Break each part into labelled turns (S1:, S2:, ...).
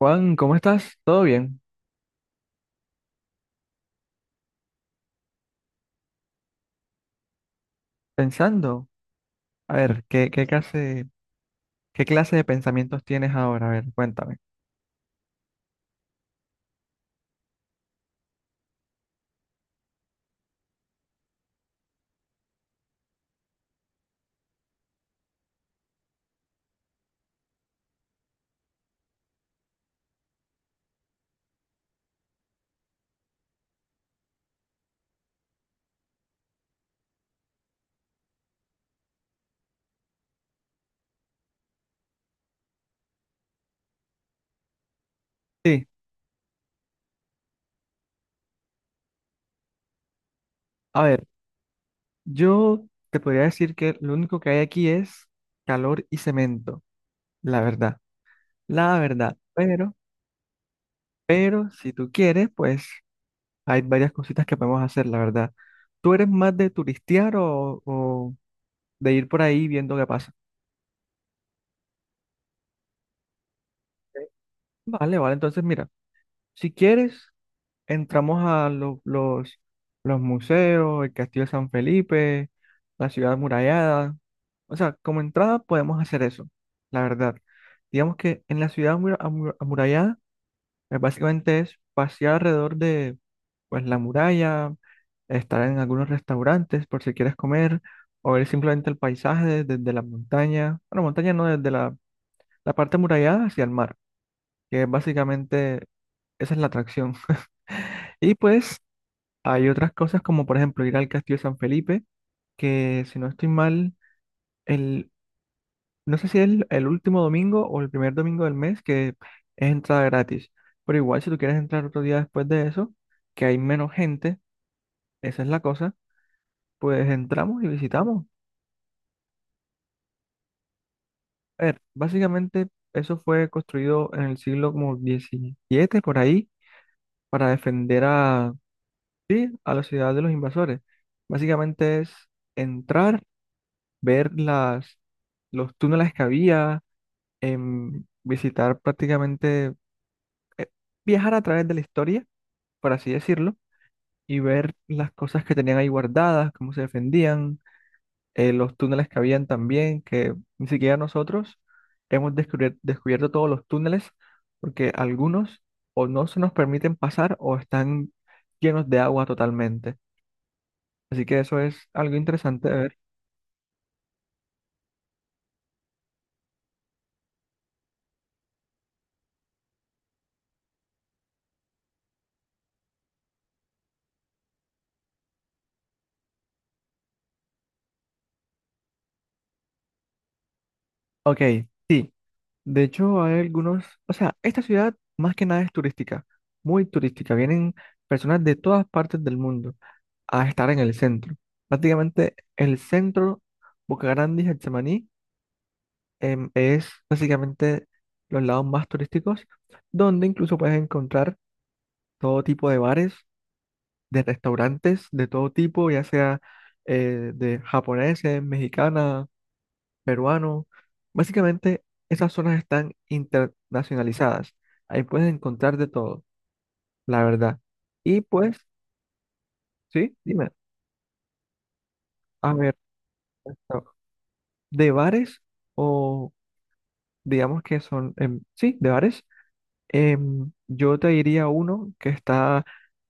S1: Juan, ¿cómo estás? ¿Todo bien? Pensando. A ver, ¿qué clase de pensamientos tienes ahora? A ver, cuéntame. Sí, a ver, yo te podría decir que lo único que hay aquí es calor y cemento, la verdad, la verdad. Pero si tú quieres, pues hay varias cositas que podemos hacer, la verdad. ¿Tú eres más de turistear o de ir por ahí viendo qué pasa? Vale, vale, entonces mira, si quieres, entramos a los museos, el Castillo de San Felipe, la ciudad amurallada. O sea, como entrada podemos hacer eso, la verdad. Digamos que en la ciudad amurallada, pues, básicamente es pasear alrededor de, pues, la muralla, estar en algunos restaurantes por si quieres comer, o ver simplemente el paisaje desde la montaña. Bueno, montaña no, desde la parte amurallada hacia el mar, que es básicamente esa es la atracción. Y pues hay otras cosas como por ejemplo ir al Castillo de San Felipe, que si no estoy mal, el, no sé si es el último domingo o el primer domingo del mes que es entrada gratis. Pero igual si tú quieres entrar otro día después de eso, que hay menos gente, esa es la cosa, pues entramos y visitamos. A ver, básicamente eso fue construido en el siglo como XVII por ahí para defender sí, a la ciudad de los invasores. Básicamente es entrar, ver los túneles que había, visitar prácticamente, eh, viajar a través de la historia, por así decirlo, y ver las cosas que tenían ahí guardadas, cómo se defendían, los túneles que habían también, que ni siquiera nosotros hemos descubierto todos los túneles, porque algunos o no se nos permiten pasar o están llenos de agua totalmente. Así que eso es algo interesante de ver. Ok. Sí. De hecho, hay algunos, o sea, esta ciudad más que nada es turística, muy turística. Vienen personas de todas partes del mundo a estar en el centro. Prácticamente el centro, Boca Grande y Getsemaní, es básicamente los lados más turísticos, donde incluso puedes encontrar todo tipo de bares, de restaurantes, de todo tipo, ya sea de japoneses, mexicanas, peruano. Básicamente, esas zonas están internacionalizadas. Ahí puedes encontrar de todo, la verdad. Y pues, sí, dime, a ver, de bares o digamos que son, sí, de bares, yo te diría uno que está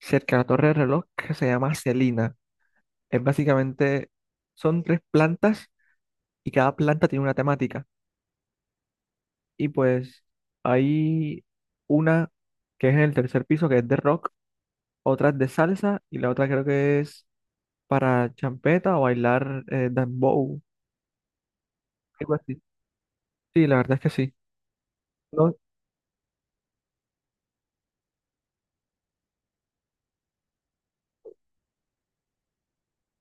S1: cerca de la Torre del Reloj que se llama Celina. Es básicamente, son tres plantas y cada planta tiene una temática. Y pues hay una que es en el tercer piso, que es de rock, otra es de salsa y la otra creo que es para champeta o bailar dembow, algo así. Sí, la verdad es que sí. No,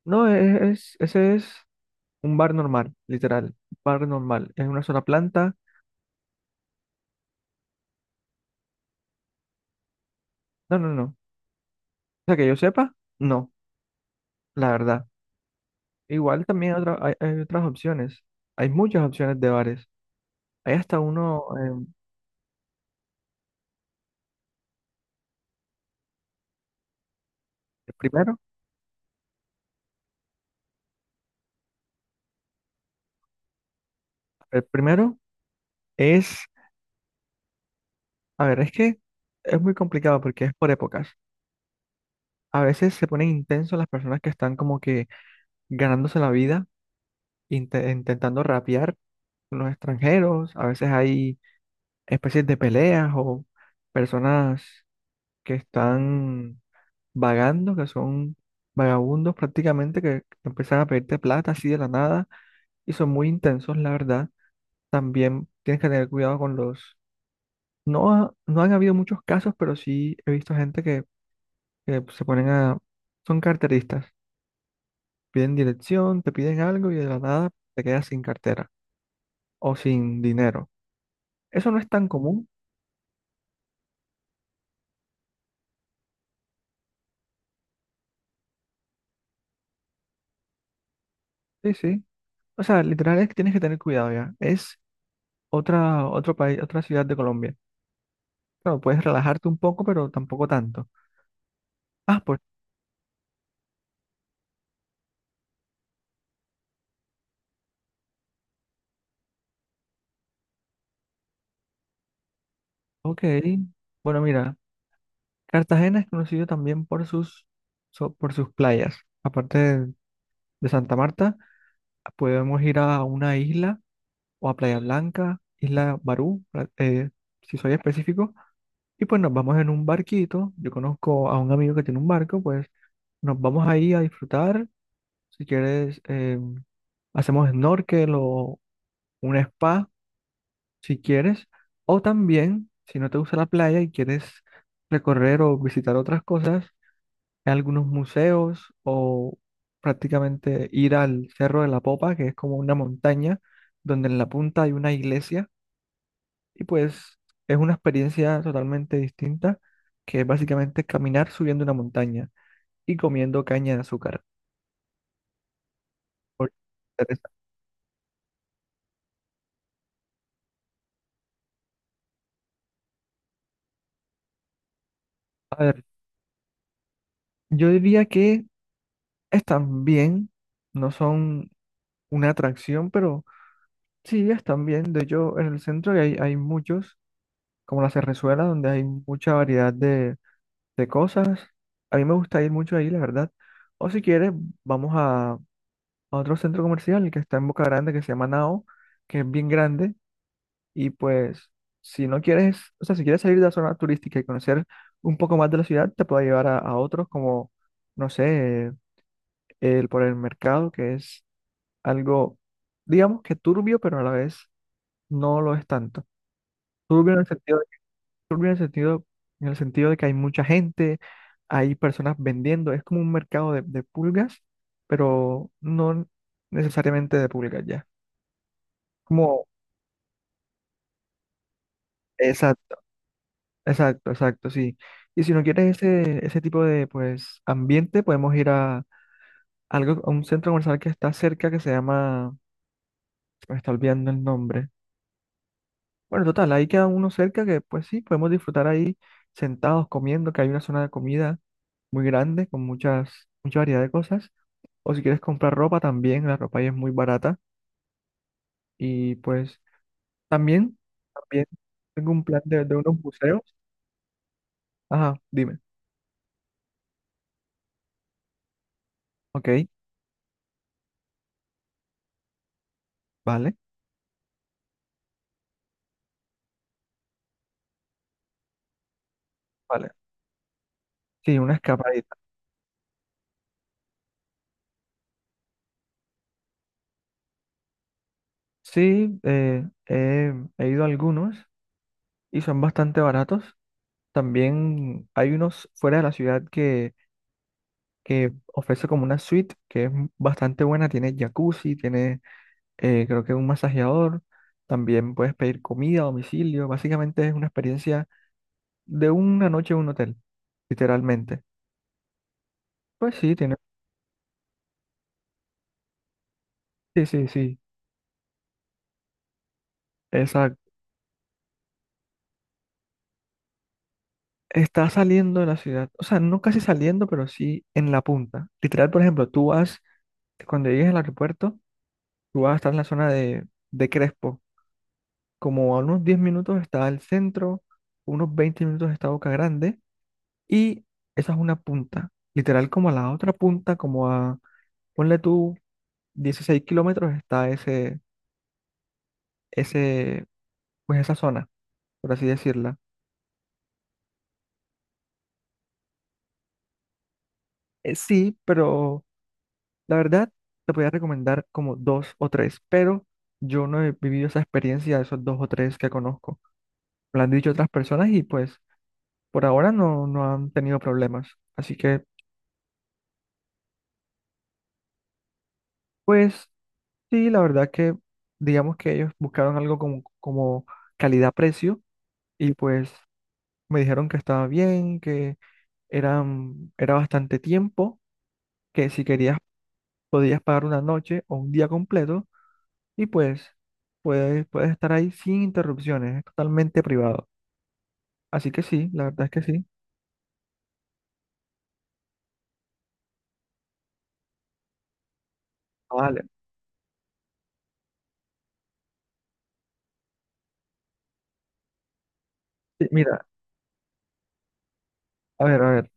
S1: no es, ese es un bar normal, literal, bar normal. Es una sola planta. No, no, no. O sea, que yo sepa, no, la verdad. Igual también hay otras opciones. Hay muchas opciones de bares. Hay hasta uno. el primero, el primero es, a ver, es que es muy complicado porque es por épocas. A veces se ponen intensos las personas que están como que ganándose la vida, intentando rapear con los extranjeros. A veces hay especies de peleas o personas que están vagando, que son vagabundos prácticamente, que empiezan a pedirte plata así de la nada y son muy intensos, la verdad. También tienes que tener cuidado con los... No, no han habido muchos casos, pero sí he visto gente que se ponen a... Son carteristas. Piden dirección, te piden algo y de la nada te quedas sin cartera o sin dinero. Eso no es tan común, sí, sí. O sea, literal es que tienes que tener cuidado ya. Es otro país, otra ciudad de Colombia. Claro, puedes relajarte un poco, pero tampoco tanto. Ah, pues, ok. Bueno, mira, Cartagena es conocido también por sus playas. Aparte de Santa Marta, podemos ir a una isla o a Playa Blanca, Isla Barú, si soy específico. Y pues nos vamos en un barquito. Yo conozco a un amigo que tiene un barco, pues nos vamos ahí a disfrutar. Si quieres, hacemos snorkel o un spa, si quieres. O también, si no te gusta la playa y quieres recorrer o visitar otras cosas, algunos museos o prácticamente ir al Cerro de la Popa, que es como una montaña donde en la punta hay una iglesia. Y pues es una experiencia totalmente distinta, que es básicamente caminar subiendo una montaña y comiendo caña de azúcar. Por- A ver, yo diría que están bien, no son una atracción, pero sí están bien. De hecho, en el centro hay muchos, como la Cerrezuela, donde hay mucha variedad de cosas. A mí me gusta ir mucho ahí, la verdad. O si quieres, vamos a otro centro comercial que está en Boca Grande, que se llama Nao, que es bien grande. Y pues, si no quieres, o sea, si quieres salir de la zona turística y conocer un poco más de la ciudad, te puedo llevar a otros, como, no sé, por el mercado, que es algo, digamos que turbio, pero a la vez no lo es tanto. Turbio en el sentido de, turbio en el sentido de que hay mucha gente, hay personas vendiendo, es como un mercado de pulgas, pero no necesariamente de pulgas ya. Como, exacto, exacto, exacto, sí. Y si no quieres ese tipo de pues ambiente, podemos ir a a un centro comercial que está cerca que se llama, se me está olvidando el nombre. Bueno, total, ahí queda uno cerca que pues sí, podemos disfrutar ahí sentados comiendo, que hay una zona de comida muy grande con mucha variedad de cosas. O si quieres comprar ropa también, la ropa ahí es muy barata. Y pues también, también tengo un plan de unos museos. Ajá, dime. Ok, vale, vale. Sí, una escapadita. Sí, he ido a algunos y son bastante baratos. También hay unos fuera de la ciudad que ofrece como una suite que es bastante buena, tiene jacuzzi, tiene creo que un masajeador, también puedes pedir comida a domicilio, básicamente es una experiencia de una noche en un hotel, literalmente. Pues sí, tiene, sí, sí, sí, exacto. Está saliendo de la ciudad, o sea, no casi saliendo, pero sí en la punta. Literal, por ejemplo, tú vas, cuando llegues al aeropuerto, tú vas a estar en la zona de Crespo, como a unos 10 minutos está el centro, unos 20 minutos está Boca Grande. Y esa es una punta. Literal, como a la otra punta, como a, ponle tú, 16 kilómetros está ese, pues esa zona, por así decirla. Sí, pero la verdad, te podría recomendar como dos o tres, pero yo no he vivido esa experiencia de esos dos o tres que conozco. Me lo han dicho otras personas y pues por ahora no, no han tenido problemas. Así que, pues sí, la verdad que digamos que ellos buscaron algo como calidad-precio y pues me dijeron que estaba bien, que era bastante tiempo, que si querías podías pagar una noche o un día completo y pues puedes estar ahí sin interrupciones, es totalmente privado. Así que sí, la verdad es que sí. Ah, vale. Sí, mira, a ver,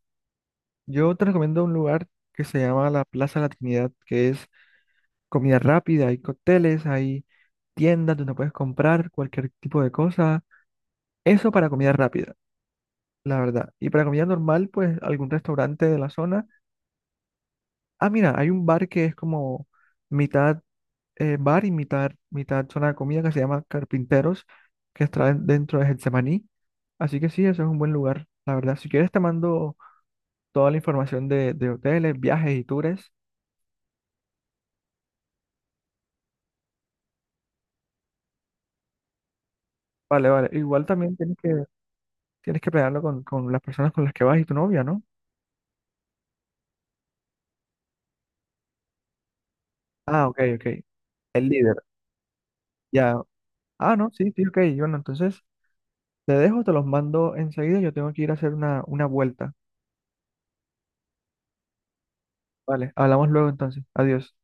S1: yo te recomiendo un lugar que se llama la Plaza La Trinidad, que es comida rápida, hay cócteles, hay tiendas donde puedes comprar cualquier tipo de cosa. Eso para comida rápida, la verdad. Y para comida normal, pues algún restaurante de la zona. Ah, mira, hay un bar que es como mitad bar y mitad zona de comida que se llama Carpinteros, que está dentro de Getsemaní. Así que sí, eso es un buen lugar, la verdad. Si quieres te mando toda la información de hoteles, viajes y tours. Vale, vale. Igual también tienes que planearlo con las personas con las que vas y tu novia, ¿no? Ah, ok, ok. El líder, ya. Ah, no, sí, sí, ok. Bueno, entonces te dejo, te los mando enseguida. Yo tengo que ir a hacer una vuelta. Vale, hablamos luego entonces. Adiós.